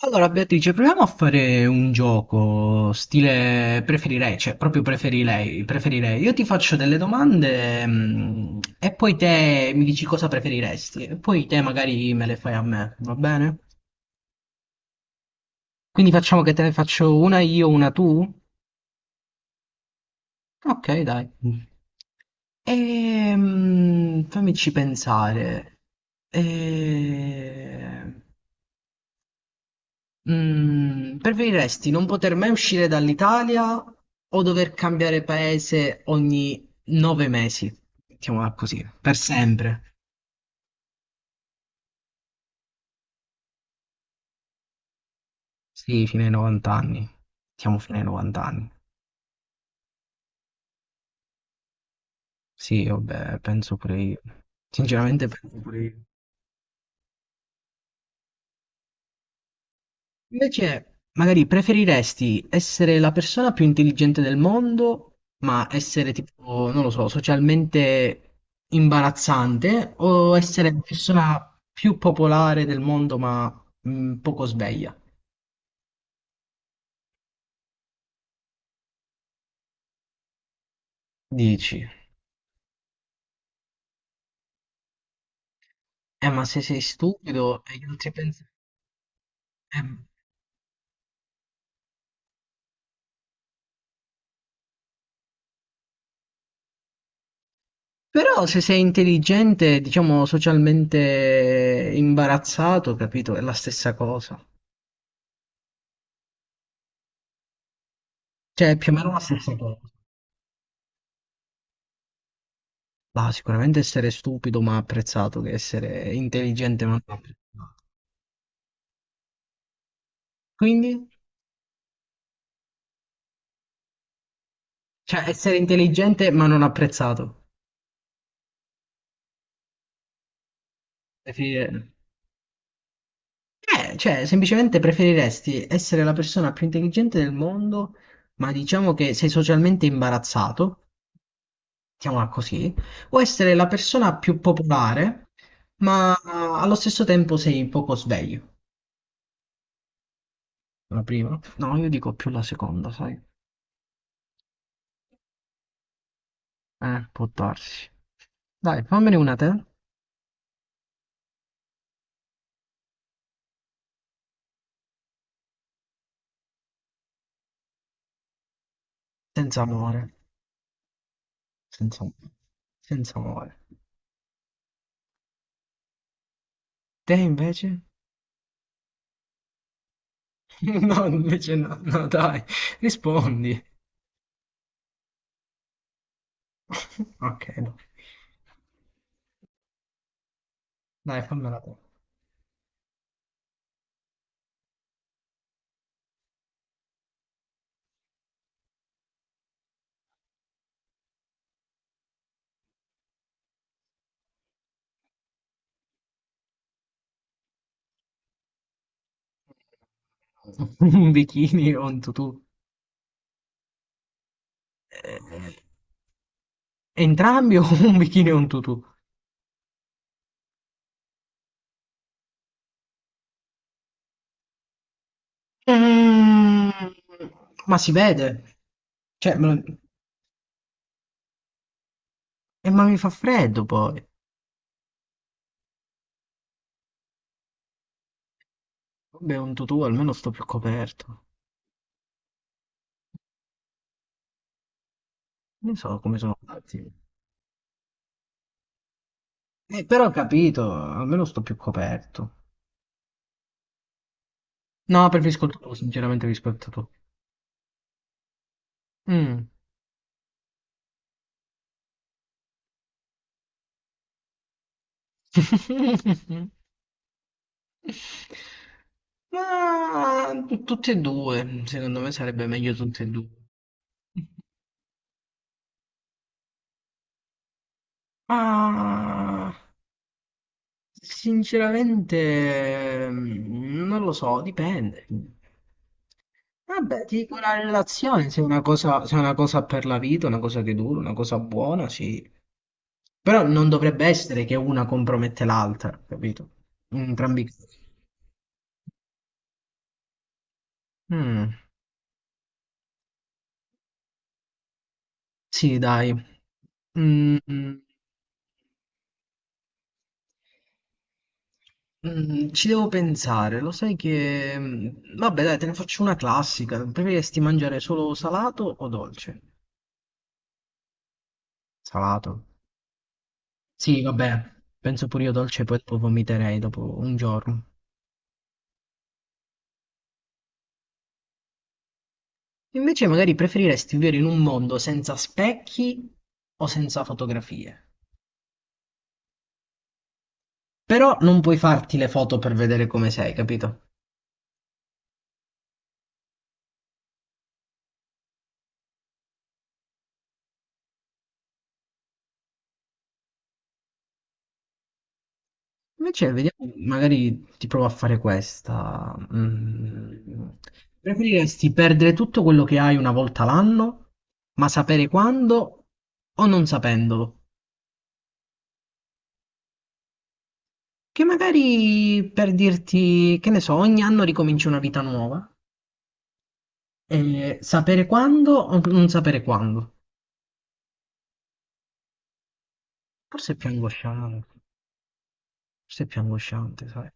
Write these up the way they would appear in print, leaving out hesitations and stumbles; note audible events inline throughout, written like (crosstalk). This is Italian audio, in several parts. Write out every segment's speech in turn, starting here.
Allora, Beatrice, proviamo a fare un gioco stile preferirei, cioè proprio preferirei. Io ti faccio delle domande, e poi te mi dici cosa preferiresti, e poi te magari me le fai a me, va bene? Quindi facciamo che te ne faccio una io, una tu? Ok, dai. Fammici pensare. Ehm, preferiresti non poter mai uscire dall'Italia o dover cambiare paese ogni 9 mesi? Mettiamola così, per sempre. Sì, fino ai 90 anni. Siamo fino ai 90 anni. Sì, vabbè, penso pure io. Sinceramente penso pure io. Invece, magari preferiresti essere la persona più intelligente del mondo, ma essere tipo, non lo so, socialmente imbarazzante, o essere la persona più popolare del mondo, ma poco sveglia? Dici, ma se sei stupido e gli altri pensano. eh, Però se sei intelligente, diciamo socialmente imbarazzato, capito? È la stessa cosa. Cioè, è più o meno la stessa cosa. Bah, sicuramente essere stupido ma apprezzato che essere intelligente ma non apprezzato. Quindi, cioè, essere intelligente ma non apprezzato. Preferire- cioè, semplicemente preferiresti essere la persona più intelligente del mondo, ma diciamo che sei socialmente imbarazzato, mettiamola così, o essere la persona più popolare, ma allo stesso tempo sei poco sveglio. La prima? No, io dico più la seconda, sai? Può darsi. Dai, fammene una te. Senza amore, senza senza amore. Te invece? (laughs) No, invece no, no, dai, rispondi. (laughs) Ok, no. Dai, fammela te. (laughs) Un bikini o un tutù? Eh, Entrambi o un bikini e un tutù? Mm, ma si vede. Cioè, me lo- ma mi fa freddo poi. Vabbè, un tutù almeno sto più coperto. Non so come sono fatti. Però ho capito, almeno sto più coperto. No, preferisco il tuo, sinceramente rispetto a tu. Mm. (laughs) Ma tutte e due, secondo me sarebbe meglio tutte e due. Ma sinceramente non lo so, dipende. Vabbè, ti dico la relazione, se è una cosa, se è una cosa per la vita, una cosa che dura, una cosa buona, sì. Però non dovrebbe essere che una compromette l'altra, capito? In entrambi i casi. Mm. Sì, dai. Mm, mm, ci devo pensare. Lo sai che... mm, Vabbè, dai, te ne faccio una classica. Preferiresti mangiare solo salato o dolce? Salato. Sì, vabbè. Penso pure io dolce, poi dopo vomiterei dopo un giorno. Invece magari preferiresti vivere in un mondo senza specchi o senza fotografie. Però non puoi farti le foto per vedere come sei, capito? Invece, vediamo, magari ti provo a fare questa. Mm. Preferiresti perdere tutto quello che hai una volta l'anno, ma sapere quando o non sapendolo? Che magari per dirti, che ne so, ogni anno ricominci una vita nuova. E sapere quando o non sapere quando? Forse è più angosciante, forse è più angosciante, sai?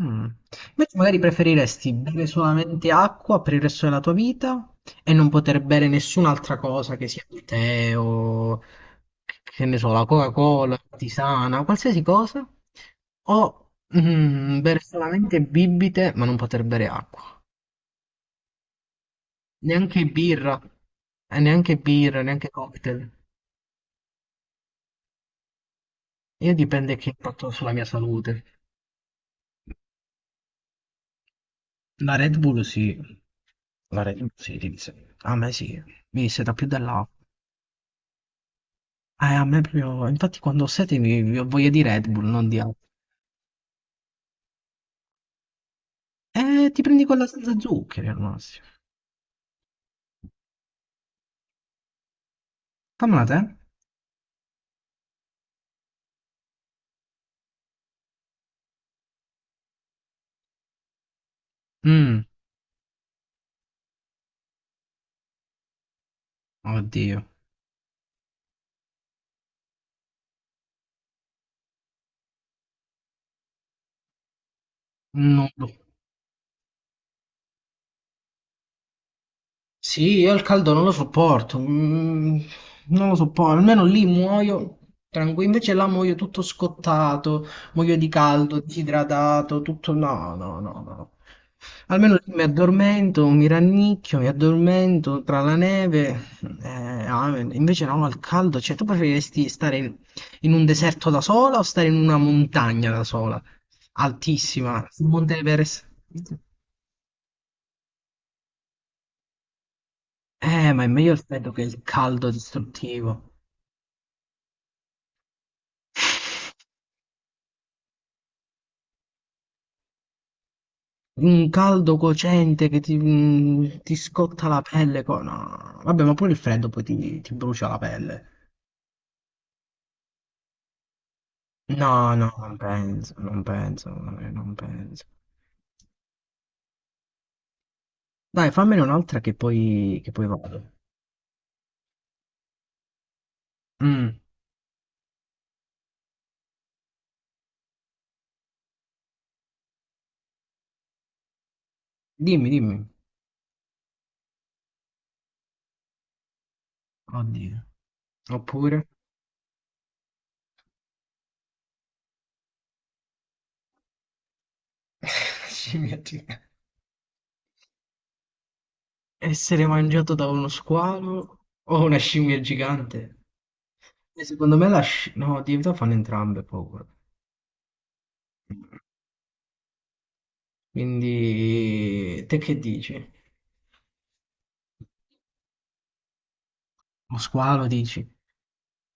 Mm. Invece magari preferiresti bere solamente acqua per il resto della tua vita e non poter bere nessun'altra cosa che sia il tè o che ne so, la Coca-Cola, la tisana, qualsiasi cosa, o bere solamente bibite ma non poter bere acqua, neanche birra, neanche birra, neanche cocktail. Io dipende che impatto ha sulla mia salute. La Red Bull sì, la Red Bull sì, ti dice. A me sì, mi disse da più dell'acqua. A me proprio, infatti quando ho sete mi ho voglia di Red Bull, non di altro. Ti prendi quella senza zuccheri al massimo. Fammela te. Mm, oddio. No. Sì, io il caldo non lo sopporto, non lo sopporto, almeno lì muoio tranquillo, invece là muoio tutto scottato, muoio di caldo, disidratato, tutto no, no, no, no. Almeno lì mi addormento, mi rannicchio, mi addormento tra la neve, eh, amen. Invece no, al caldo, cioè tu preferiresti stare in un deserto da sola o stare in una montagna da sola, altissima, sul Monte Everest? Ma è meglio il freddo che il caldo distruttivo. Un caldo cocente che ti scotta la pelle. No, vabbè, ma pure il freddo poi ti brucia la pelle. Non penso, non penso. Dai, fammene un'altra che poi vado. Mm, dimmi, dimmi. Oddio. Oppure (laughs) scimmia gigante. Essere mangiato da uno squalo o una scimmia gigante? E secondo me la sci... No, di verità fanno entrambe paura. Quindi, te che dici? Lo squalo dici?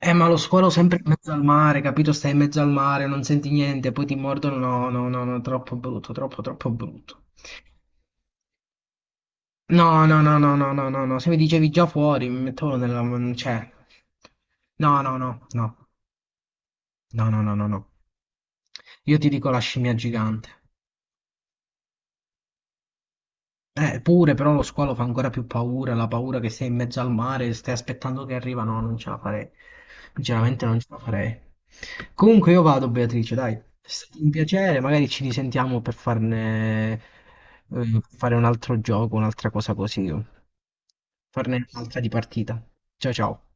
Ma lo squalo sempre in mezzo al mare, capito? Stai in mezzo al mare, non senti niente, poi ti mordono. No, no, no, no, troppo brutto, troppo, troppo brutto. No, no, no, no, no, no, no, no. Se mi dicevi già fuori, mi mettevo nella... Cioè, no, no, no, no, no, no, no, no, no. No. Io ti dico la scimmia gigante. Pure, però lo squalo fa ancora più paura, la paura che sei in mezzo al mare, stai aspettando che arriva, no, non ce la farei. Sinceramente non ce la farei. Comunque io vado, Beatrice, dai, è stato un piacere, magari ci risentiamo per farne, per fare un altro gioco, un'altra cosa così, farne un'altra di partita. Ciao ciao.